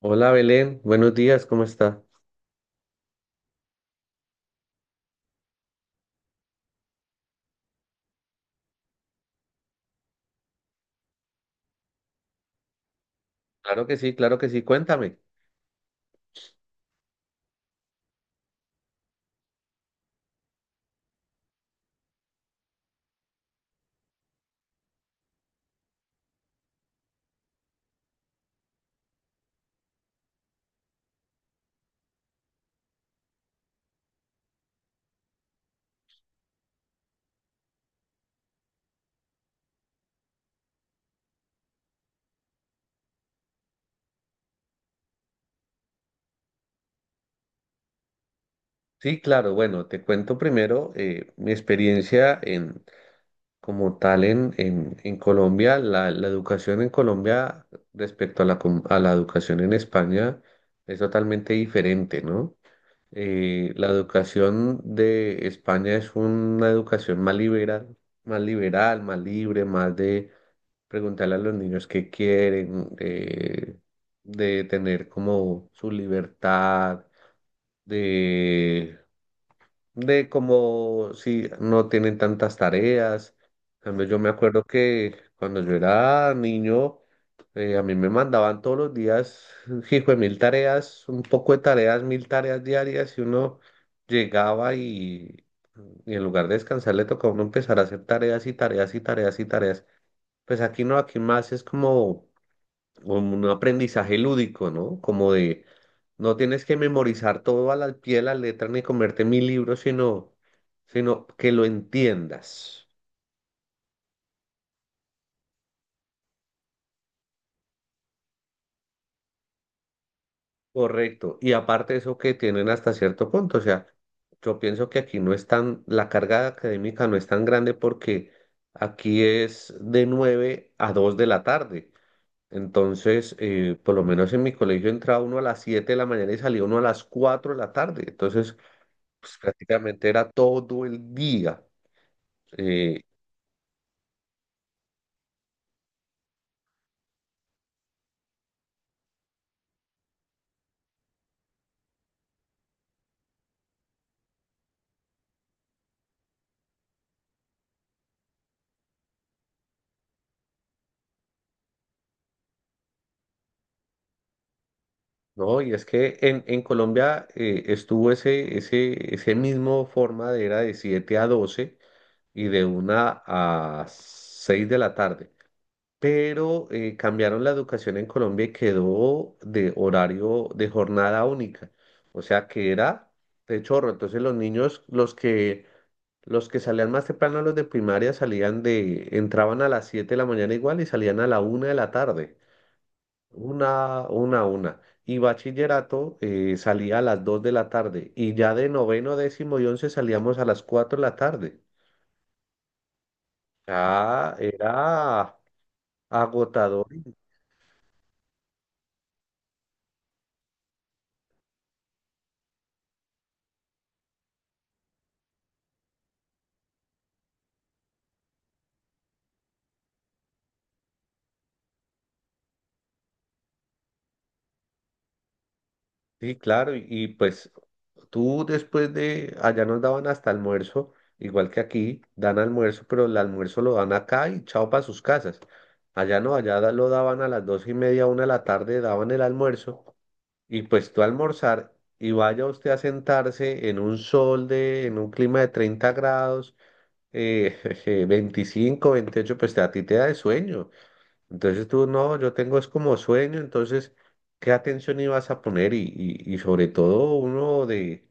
Hola Belén, buenos días, ¿cómo está? Claro que sí, cuéntame. Sí, claro, bueno, te cuento primero mi experiencia en, como tal en Colombia, la educación en Colombia respecto a la educación en España es totalmente diferente, ¿no? La educación de España es una educación más liberal, más liberal, más libre, más de preguntarle a los niños qué quieren, de tener como su libertad, de, de como si no tienen tantas tareas. En cambio, yo me acuerdo que cuando yo era niño, a mí me mandaban todos los días, hijo de mil tareas, un poco de tareas, mil tareas diarias, y uno llegaba y en lugar de descansar le tocaba a uno empezar a hacer tareas y tareas y tareas y tareas. Pues aquí no, aquí más es como un aprendizaje lúdico, ¿no? Como de, no tienes que memorizar todo a la pie de la letra ni comerte mil libros, sino que lo entiendas. Correcto. Y aparte eso que tienen hasta cierto punto, o sea, yo pienso que aquí no es tan, la carga académica no es tan grande porque aquí es de 9 a 2 de la tarde. Entonces, por lo menos en mi colegio entraba uno a las 7 de la mañana y salía uno a las 4 de la tarde. Entonces, pues prácticamente era todo el día, eh, ¿no? Y es que en Colombia estuvo ese, ese mismo forma de era de 7 a 12 y de una a 6 de la tarde. Pero cambiaron la educación en Colombia y quedó de horario de jornada única. O sea que era de chorro. Entonces los niños, los que salían más temprano, los de primaria, entraban a las 7 de la mañana igual y salían a la una de la tarde. Una. Y bachillerato salía a las 2 de la tarde y ya de noveno, décimo y once salíamos a las 4 de la tarde. Ah, era agotador. Sí, claro. Y pues tú después de, allá nos daban hasta almuerzo, igual que aquí, dan almuerzo, pero el almuerzo lo dan acá y chao para sus casas. Allá no, lo daban a las dos y media, una de la tarde, daban el almuerzo. Y pues tú almorzar y vaya usted a sentarse en un clima de 30 grados, jeje, 25, pues a ti te da de sueño. Entonces tú no, yo tengo es como sueño, entonces, ¿qué atención ibas a poner? Y sobre todo uno de,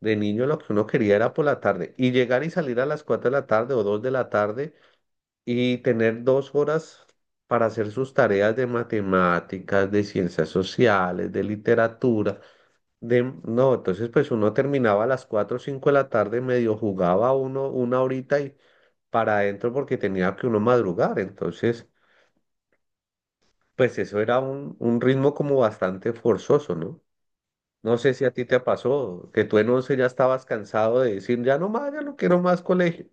de niño lo que uno quería era por la tarde y llegar y salir a las 4 de la tarde o 2 de la tarde y tener dos horas para hacer sus tareas de matemáticas, de ciencias sociales, de literatura, no, entonces pues uno terminaba a las 4 o 5 de la tarde, medio jugaba uno una horita y para adentro porque tenía que uno madrugar. Entonces, pues eso era un ritmo como bastante forzoso, ¿no? No sé si a ti te pasó, que tú en 11 ya estabas cansado de decir, ya no más, ya no quiero más colegio.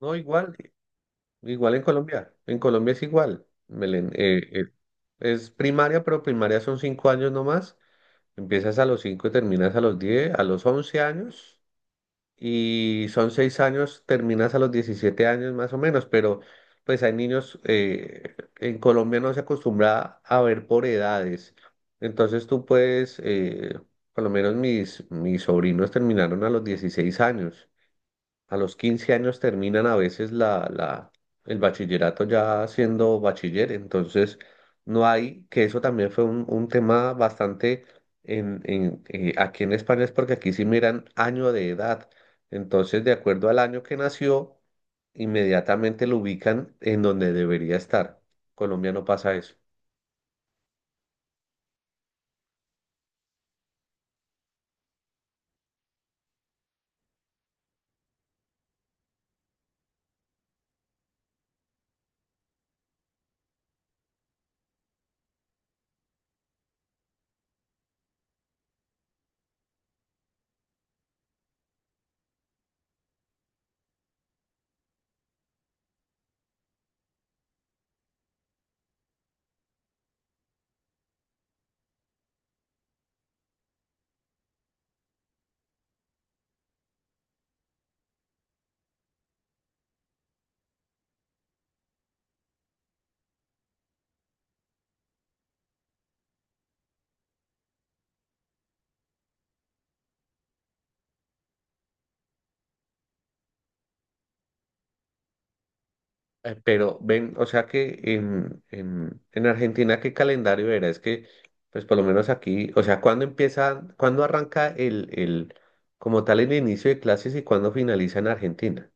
No, igual en Colombia es igual. Belén, es primaria, pero primaria son 5 años nomás. Empiezas a los 5 y terminas a los 10 a los 11 años. Y son seis años, terminas a los 17 años más o menos, pero pues hay niños, en Colombia no se acostumbra a ver por edades, entonces tú puedes, por lo menos mis sobrinos terminaron a los 16 años. A los 15 años terminan a veces el bachillerato ya siendo bachiller, entonces no hay, que eso también fue un tema bastante en, aquí en España, es porque aquí sí miran año de edad, entonces de acuerdo al año que nació, inmediatamente lo ubican en donde debería estar. Colombia no pasa eso. Pero ven, o sea que en, en Argentina, ¿qué calendario era? Es que, pues por lo menos aquí, o sea, ¿cuándo empieza, cuándo arranca el, como tal, el inicio de clases y cuándo finaliza en Argentina?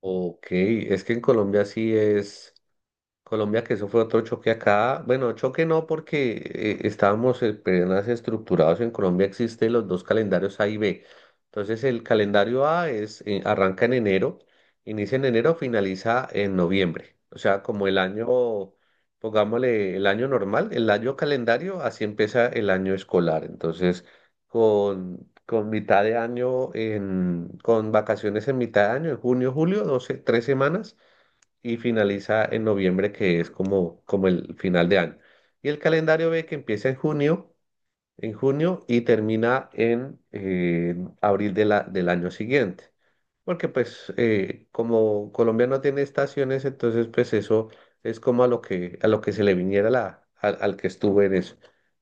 Ok, es que en Colombia sí es. Colombia, que eso fue otro choque acá. Bueno, choque no, porque estábamos apenas estructurados. En Colombia existen los dos calendarios A y B. Entonces, el calendario A arranca en enero, inicia en enero, finaliza en noviembre. O sea, como el año, pongámosle el año normal, el año calendario, así empieza el año escolar. Entonces, con mitad de año, en, con vacaciones en mitad de año, en junio, julio, 12 tres semanas y finaliza en noviembre, que es como, como el final de año. Y el calendario B que empieza en junio y termina en abril del año siguiente. Porque pues como Colombia no tiene estaciones, entonces pues eso es como a lo que se le viniera al que estuvo en eso.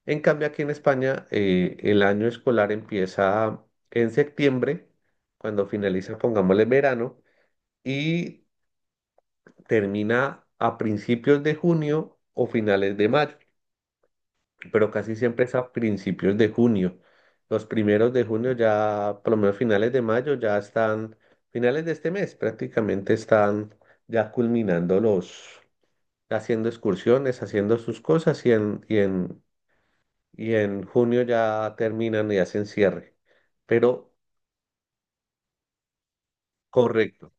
En cambio aquí en España el año escolar empieza en septiembre, cuando finaliza, pongámosle verano, y termina a principios de junio o finales de mayo, pero casi siempre es a principios de junio. Los primeros de junio ya, por lo menos finales de mayo, ya están, finales de este mes prácticamente están ya culminando los, haciendo excursiones, haciendo sus cosas y en, y en junio ya terminan y hacen cierre. Pero correcto.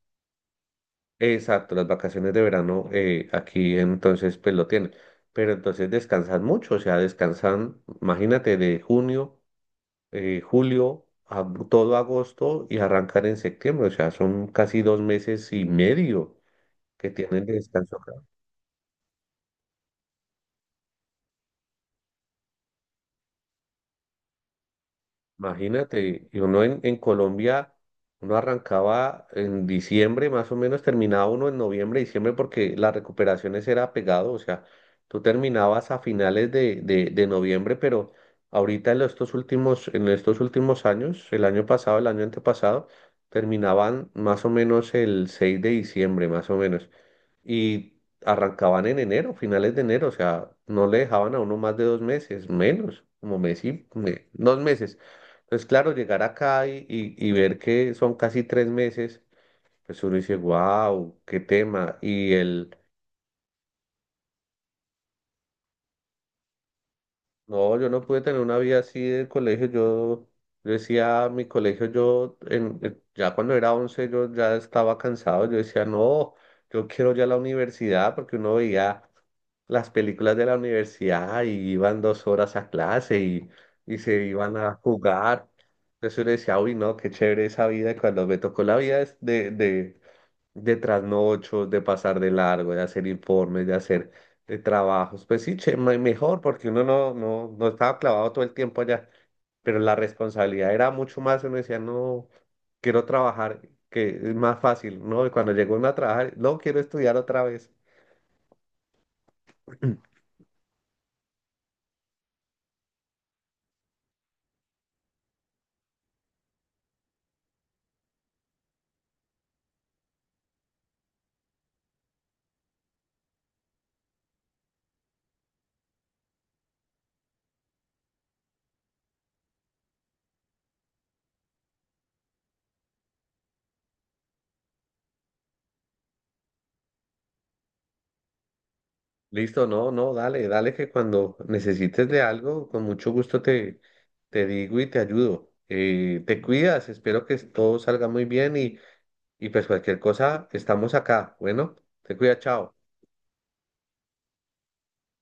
Exacto, las vacaciones de verano aquí entonces pues lo tienen, pero entonces descansan mucho, o sea, descansan, imagínate, de junio, julio, a todo agosto y arrancan en septiembre, o sea, son casi dos meses y medio que tienen de descanso. Imagínate, y uno en Colombia, uno arrancaba en diciembre, más o menos terminaba uno en noviembre, diciembre, porque las recuperaciones era pegado, o sea, tú terminabas a finales de noviembre, pero ahorita en estos últimos años, el año pasado, el año antepasado, terminaban más o menos el 6 de diciembre, más o menos y arrancaban en enero, finales de enero, o sea, no le dejaban a uno más de dos meses, menos, como dos meses. Entonces, claro, llegar acá y ver que son casi tres meses, pues uno dice, wow, qué tema. No, yo no pude tener una vida así de colegio. Yo decía, mi colegio, yo, ya cuando era 11 yo ya estaba cansado. Yo decía, no, yo quiero ya la universidad porque uno veía las películas de la universidad y iban dos horas a clase y se iban a jugar. Entonces yo le decía, uy, no, qué chévere esa vida. Y cuando me tocó la vida de trasnochos, de pasar de largo, de hacer informes, de hacer de trabajos. Pues sí, che, mejor, porque uno no, no, no estaba clavado todo el tiempo allá, pero la responsabilidad era mucho más. Uno decía, no, quiero trabajar, que es más fácil, ¿no? Y cuando llegó uno a trabajar, no, quiero estudiar otra vez. Listo, no, no, dale, dale que cuando necesites de algo, con mucho gusto te digo y te ayudo. Te cuidas, espero que todo salga muy bien. Y pues cualquier cosa, estamos acá. Bueno, te cuida, chao.